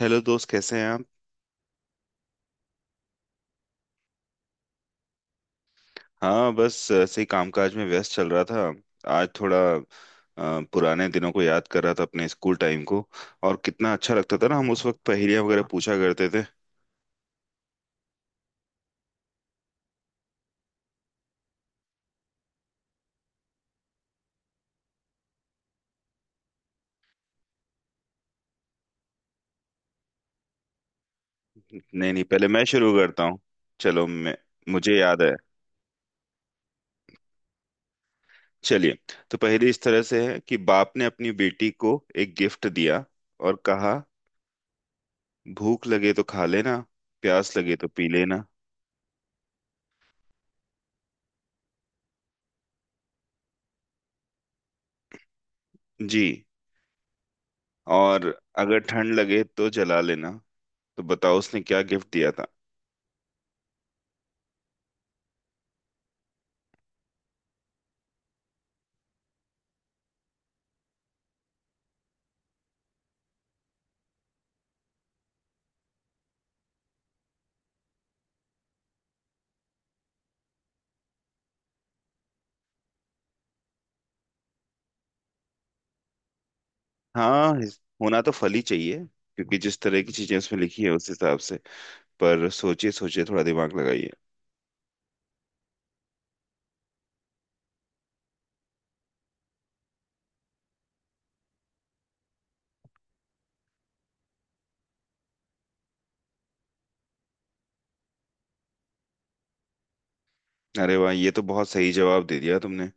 Hello दोस्त, कैसे हैं आप। हाँ, बस ऐसे ही कामकाज में व्यस्त चल रहा था। आज थोड़ा पुराने दिनों को याद कर रहा था, अपने स्कूल टाइम को। और कितना अच्छा लगता था ना, हम उस वक्त पहेलियां वगैरह पूछा करते थे। नहीं नहीं, पहले मैं शुरू करता हूँ। चलो मैं, मुझे याद है। चलिए, तो पहेली इस तरह से है कि बाप ने अपनी बेटी को एक गिफ्ट दिया और कहा, भूख लगे तो खा लेना, प्यास लगे तो पी लेना जी। और अगर ठंड लगे तो जला लेना। तो बताओ उसने क्या गिफ्ट दिया था। हाँ, होना तो फल ही चाहिए, क्योंकि जिस तरह की चीजें उसमें लिखी है उस हिसाब से। पर सोचिए सोचिए, थोड़ा दिमाग लगाइए। अरे वाह, ये तो बहुत सही जवाब दे दिया तुमने।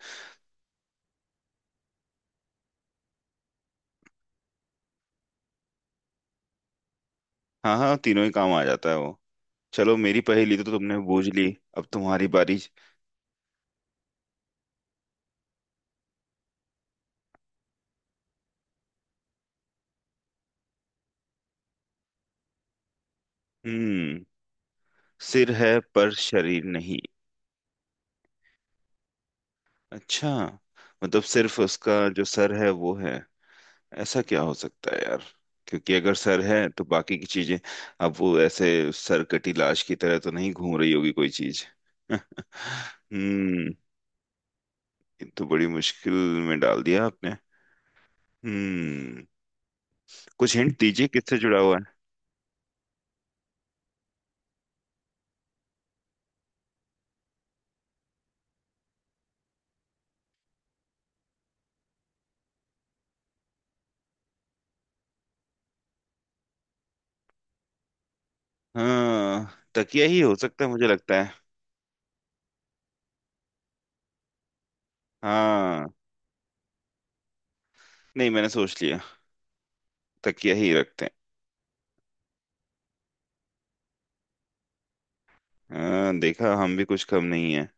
हाँ हाँ, तीनों ही काम आ जाता है वो। चलो, मेरी पहेली तो तुमने बूझ ली, अब तुम्हारी बारी। हम्म, सिर है पर शरीर नहीं। अच्छा, मतलब सिर्फ उसका जो सर है वो है। ऐसा क्या हो सकता है यार, क्योंकि अगर सर है तो बाकी की चीजें। अब वो ऐसे सर कटी लाश की तरह तो नहीं घूम रही होगी कोई चीज। हम्म, ये तो बड़ी मुश्किल में डाल दिया आपने। हम्म, कुछ हिंट दीजिए किससे जुड़ा हुआ है। हाँ, तकिया ही हो सकता है मुझे लगता है। हाँ, नहीं, मैंने सोच लिया, तकिया ही रखते हैं। हाँ, देखा, हम भी कुछ कम नहीं है।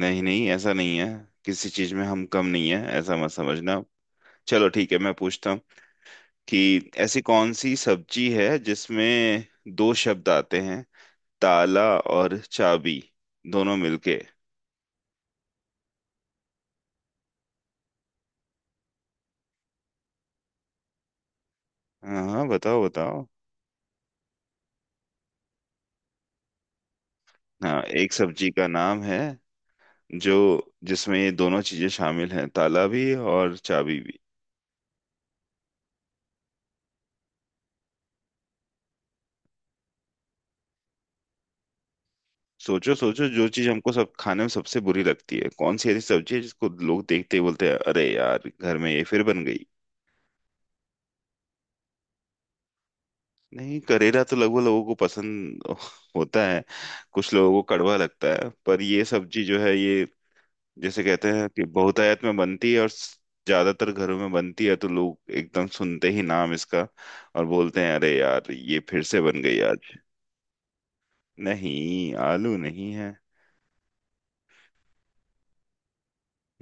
नहीं नहीं, ऐसा नहीं है। किसी चीज में हम कम नहीं है, ऐसा मत समझना। चलो, ठीक है, मैं पूछता हूँ कि ऐसी कौन सी सब्जी है जिसमें दो शब्द आते हैं, ताला और चाबी, दोनों मिलके। हाँ हाँ, बताओ बताओ। हाँ, एक सब्जी का नाम है, जो जिसमें ये दोनों चीजें शामिल हैं, ताला भी और चाबी भी। सोचो सोचो, जो चीज हमको सब खाने में सबसे बुरी लगती है, कौन सी ऐसी सब्जी है जिसको लोग देखते ही बोलते हैं, अरे यार घर में ये फिर बन गई। नहीं, करेला तो लगभग लोगों को पसंद होता है, कुछ लोगों को कड़वा लगता है, पर ये सब्जी जो है ये जैसे कहते हैं कि बहुतायत में बनती है और ज्यादातर घरों में बनती है, तो लोग एकदम सुनते ही नाम इसका और बोलते हैं, अरे यार ये फिर से बन गई आज। नहीं, आलू नहीं है।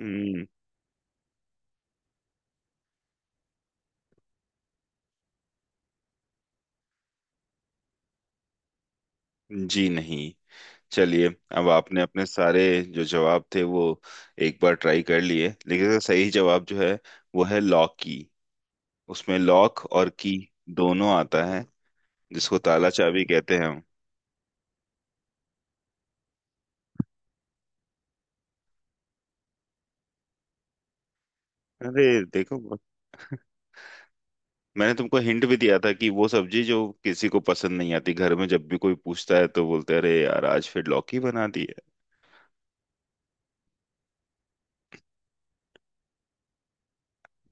हम्म। जी नहीं। चलिए, अब आपने अपने सारे जो जवाब थे वो एक बार ट्राई कर लिए, लेकिन इसका सही जवाब जो है वो है लॉकी। उसमें लॉक और की दोनों आता है, जिसको ताला चाबी कहते हैं हम। अरे देखो, मैंने तुमको हिंट भी दिया था कि वो सब्जी जो किसी को पसंद नहीं आती, घर में जब भी कोई पूछता है तो बोलते हैं, अरे यार आज फिर लौकी बना दी है।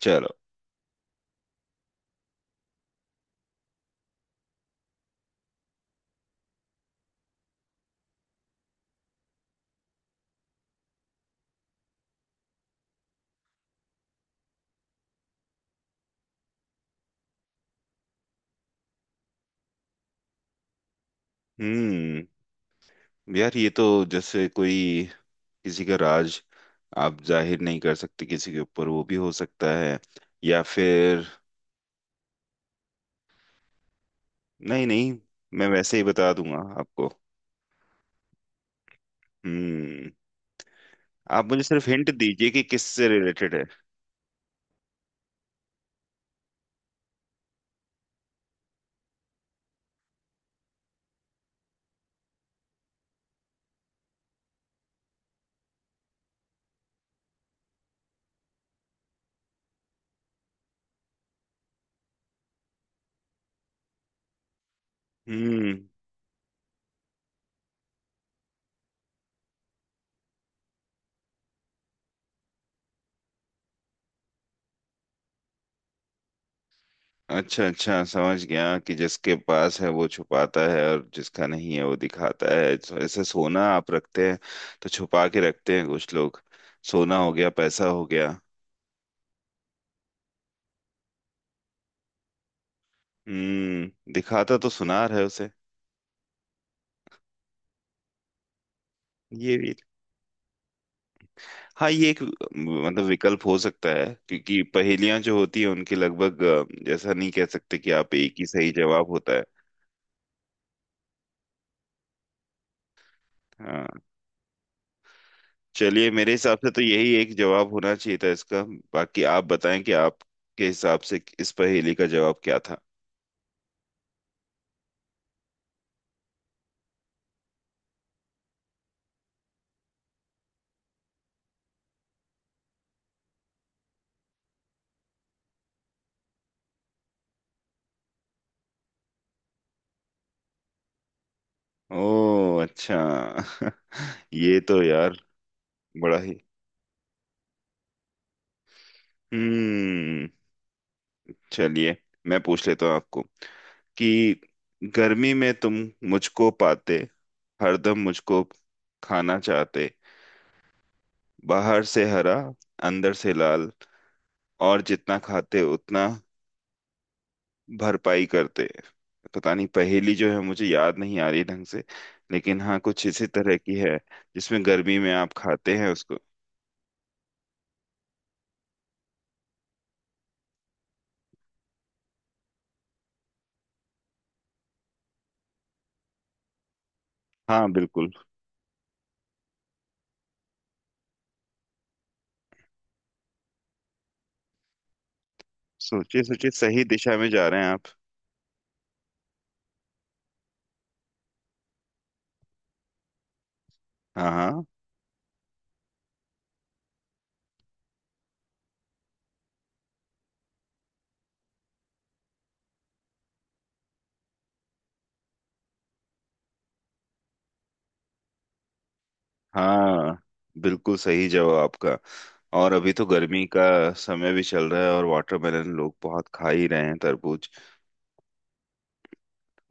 चलो। हम्म, यार ये तो जैसे कोई किसी का राज आप जाहिर नहीं कर सकते किसी के ऊपर, वो भी हो सकता है, या फिर। नहीं नहीं, मैं वैसे ही बता दूंगा आपको। हम्म, आप मुझे सिर्फ हिंट दीजिए कि किससे रिलेटेड है। हम्म, अच्छा अच्छा, समझ गया कि जिसके पास है वो छुपाता है और जिसका नहीं है वो दिखाता है, तो ऐसे सोना आप रखते हैं, तो छुपा के रखते हैं कुछ लोग। सोना हो गया, पैसा हो गया। हम्म, दिखाता तो सुनार है उसे। ये भी, हाँ ये एक, मतलब विकल्प हो सकता है, क्योंकि पहेलियां जो होती है उनके लगभग जैसा नहीं कह सकते कि आप एक ही सही जवाब होता है। हाँ। चलिए, मेरे हिसाब से तो यही एक जवाब होना चाहिए था इसका। बाकी आप बताएं कि आपके हिसाब से इस पहेली का जवाब क्या था। ओ अच्छा। ये तो यार बड़ा ही। हम्म, चलिए, मैं पूछ लेता हूँ आपको कि गर्मी में तुम मुझको पाते, हरदम मुझको खाना चाहते, बाहर से हरा, अंदर से लाल, और जितना खाते उतना भरपाई करते हैं। पता नहीं, पहेली जो है मुझे याद नहीं आ रही ढंग से, लेकिन हाँ कुछ इसी तरह की है, जिसमें गर्मी में आप खाते हैं उसको। हाँ बिल्कुल। सोचिए सोचिए, सही दिशा में जा रहे हैं आप। हाँ हाँ। हाँ, बिल्कुल सही जवाब आपका। और अभी तो गर्मी का समय भी चल रहा है, और वाटरमेलन लोग बहुत खा ही रहे हैं, तरबूज।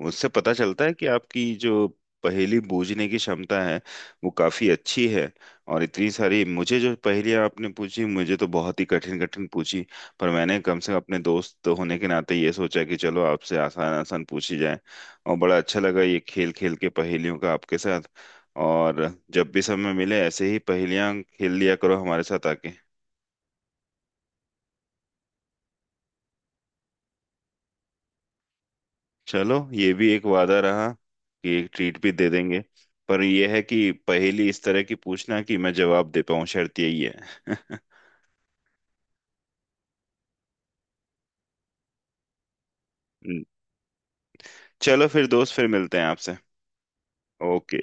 उससे पता चलता है कि आपकी जो पहेली बूझने की क्षमता है वो काफी अच्छी है। और इतनी सारी मुझे जो पहेलियां आपने पूछी, मुझे तो बहुत ही कठिन कठिन पूछी, पर मैंने कम से कम अपने दोस्त होने के नाते ये सोचा कि चलो आपसे आसान आसान पूछी जाए। और बड़ा अच्छा लगा ये खेल खेल के पहेलियों का आपके साथ। और जब भी समय मिले ऐसे ही पहेलियां खेल लिया करो हमारे साथ आके। चलो, ये भी एक वादा रहा कि एक ट्रीट भी दे देंगे। पर यह है कि पहेली इस तरह की पूछना कि मैं जवाब दे पाऊं, शर्त यही है। चलो फिर दोस्त, फिर मिलते हैं आपसे। ओके।